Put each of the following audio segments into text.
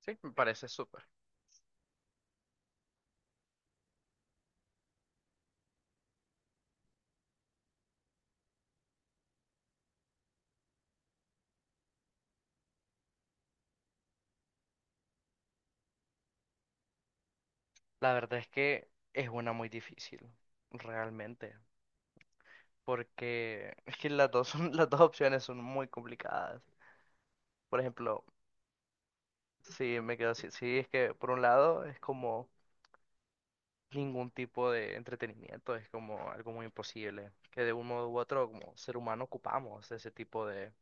Sí, me parece súper. La verdad es que es una muy difícil, realmente, porque es que las dos opciones son muy complicadas. Por ejemplo, si me quedo así, sí, es que por un lado es como ningún tipo de entretenimiento, es como algo muy imposible, que de un modo u otro como ser humano ocupamos ese tipo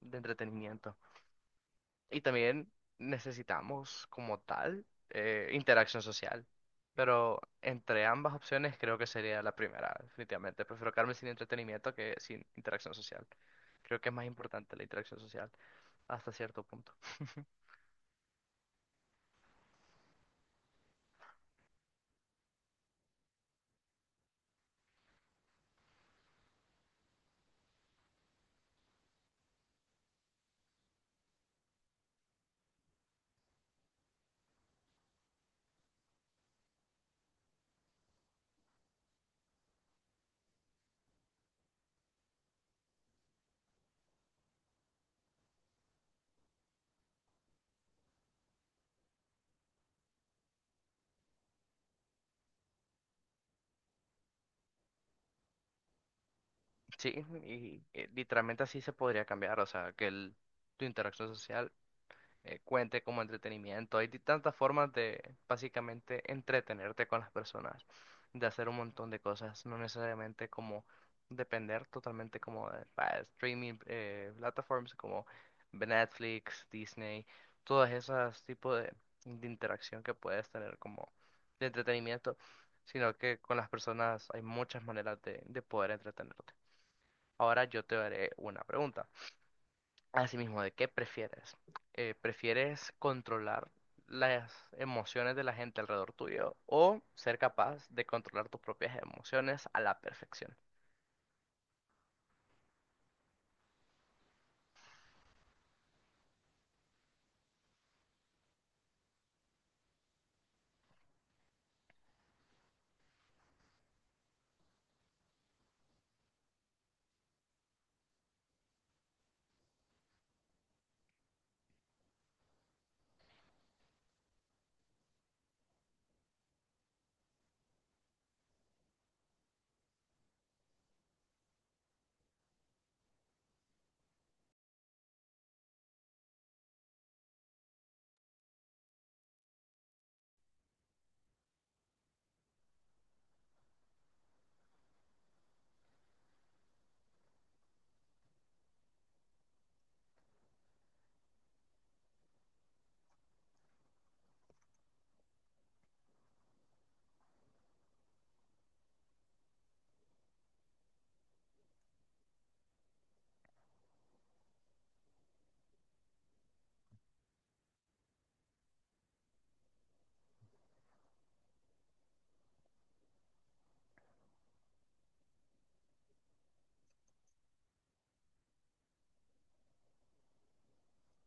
de entretenimiento. Y también necesitamos como tal interacción social. Pero entre ambas opciones creo que sería la primera, definitivamente. Prefiero quedarme sin entretenimiento que sin interacción social. Creo que es más importante la interacción social hasta cierto punto. Sí, literalmente así se podría cambiar. O sea, que tu interacción social cuente como entretenimiento. Hay tantas formas de básicamente entretenerte con las personas, de hacer un montón de cosas, no necesariamente como depender totalmente como de streaming platforms como Netflix, Disney, todas esas tipos de interacción que puedes tener como de entretenimiento, sino que con las personas hay muchas maneras de poder entretenerte. Ahora yo te haré una pregunta. Así mismo, ¿de qué prefieres? ¿prefieres controlar las emociones de la gente alrededor tuyo o ser capaz de controlar tus propias emociones a la perfección?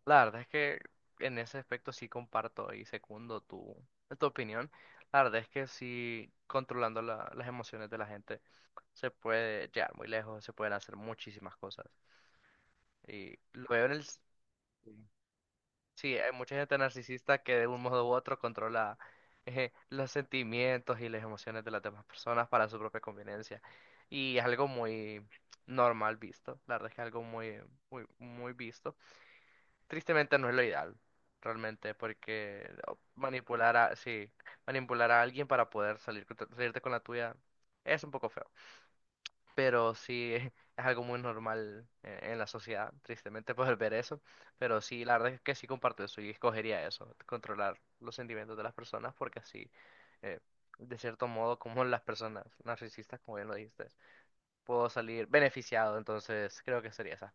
La verdad es que en ese aspecto sí comparto y secundo tu opinión. La verdad es que sí, controlando las emociones de la gente se puede llegar muy lejos, se pueden hacer muchísimas cosas. Y lo veo en el... s- Sí, hay mucha gente narcisista que de un modo u otro controla los sentimientos y las emociones de las demás personas para su propia conveniencia. Y es algo muy normal visto, la verdad es que es algo muy visto. Tristemente no es lo ideal, realmente, porque oh, manipular a, sí, manipular a alguien para poder salir, con salirte con la tuya es un poco feo pero sí es algo muy normal en la sociedad, tristemente poder ver eso, pero sí, la verdad es que sí comparto eso y escogería eso, controlar los sentimientos de las personas porque así, eh, de cierto modo, como las personas narcisistas, como bien lo dijiste, puedo salir beneficiado, entonces creo que sería esa.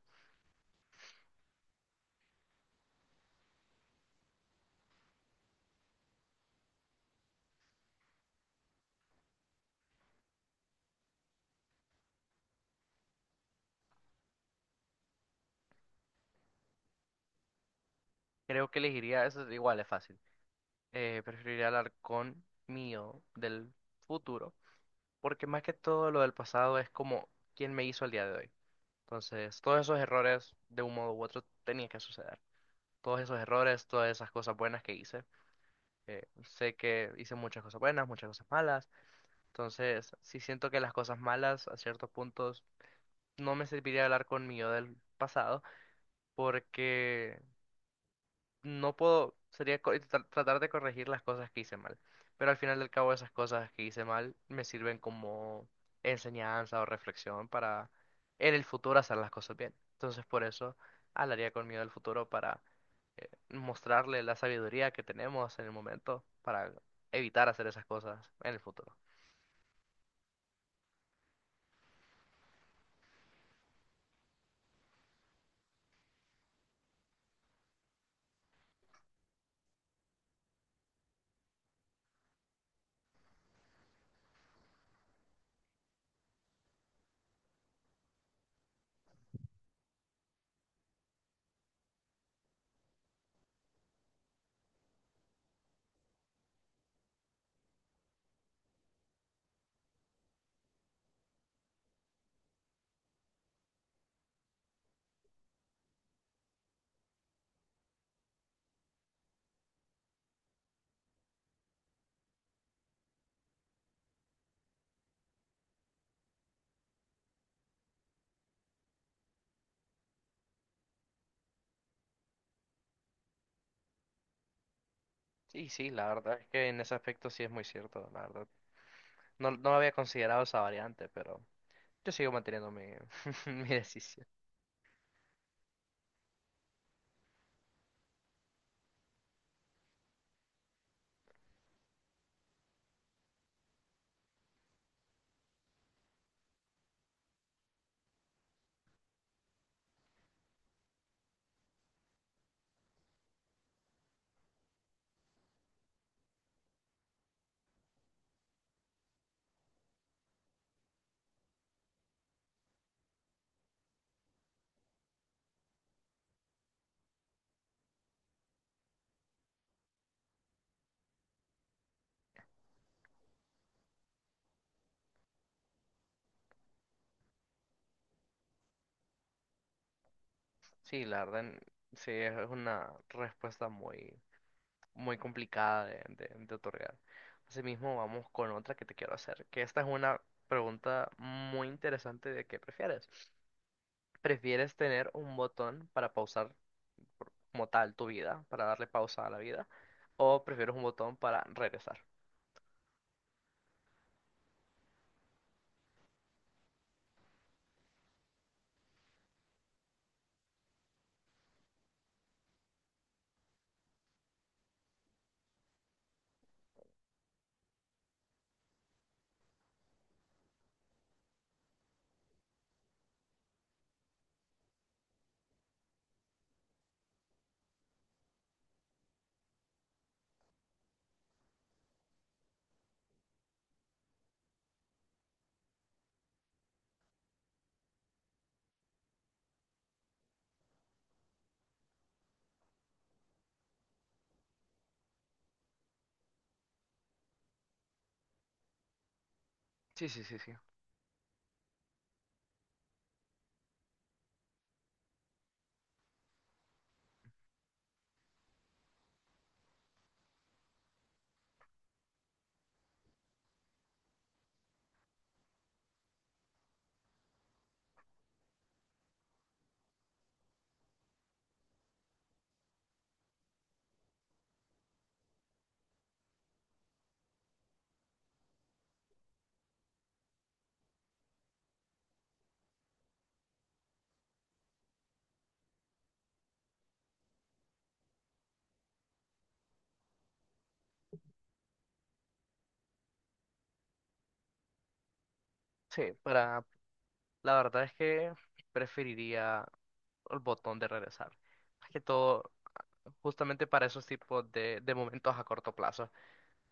Creo que elegiría, eso igual es fácil, preferiría hablar con mío del futuro, porque más que todo lo del pasado es como quién me hizo el día de hoy. Entonces, todos esos errores, de un modo u otro, tenían que suceder. Todos esos errores, todas esas cosas buenas que hice. Eh, sé que hice muchas cosas buenas, muchas cosas malas. Entonces, sí siento que las cosas malas, a ciertos puntos, no me serviría hablar con mi yo del pasado, porque no puedo, sería tratar de corregir las cosas que hice mal. Pero al final del cabo esas cosas que hice mal me sirven como enseñanza o reflexión para en el futuro hacer las cosas bien. Entonces por eso hablaría con miedo al futuro para mostrarle la sabiduría que tenemos en el momento para evitar hacer esas cosas en el futuro. Sí, sí, la verdad es que en ese aspecto sí es muy cierto, la verdad. No, no había considerado esa variante, pero yo sigo manteniendo mi decisión. Sí, la verdad, sí, es una respuesta muy, muy complicada de otorgar. Asimismo, vamos con otra que te quiero hacer, que esta es una pregunta muy interesante de qué prefieres. ¿Prefieres tener un botón para pausar como tal tu vida, para darle pausa a la vida, o prefieres un botón para regresar? Sí, sí, sí, sí. Sí, para, la verdad es que preferiría el botón de regresar. Más que todo, justamente para esos tipos de momentos a corto plazo.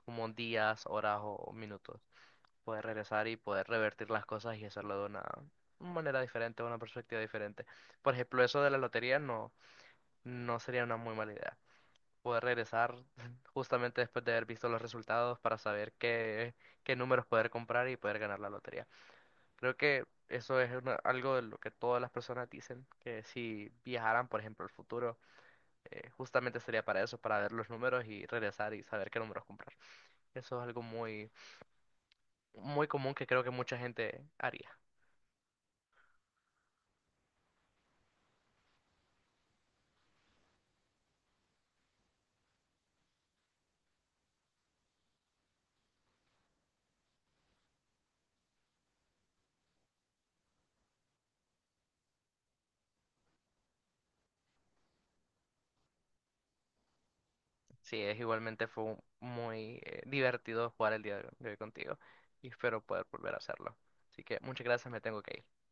Como días, horas o minutos. Poder regresar y poder revertir las cosas y hacerlo de una manera diferente, una perspectiva diferente. Por ejemplo, eso de la lotería no, no sería una muy mala idea. Poder regresar justamente después de haber visto los resultados para saber qué números poder comprar y poder ganar la lotería. Creo que eso es una- algo de lo que todas las personas dicen, que si viajaran, por ejemplo, al futuro, justamente sería para eso, para ver los números y regresar y saber qué números comprar. Eso es algo muy, muy común que creo que mucha gente haría. Sí, es igualmente fue un- muy divertido jugar el día de hoy contigo y espero poder volver a hacerlo. Así que muchas gracias, me tengo que ir.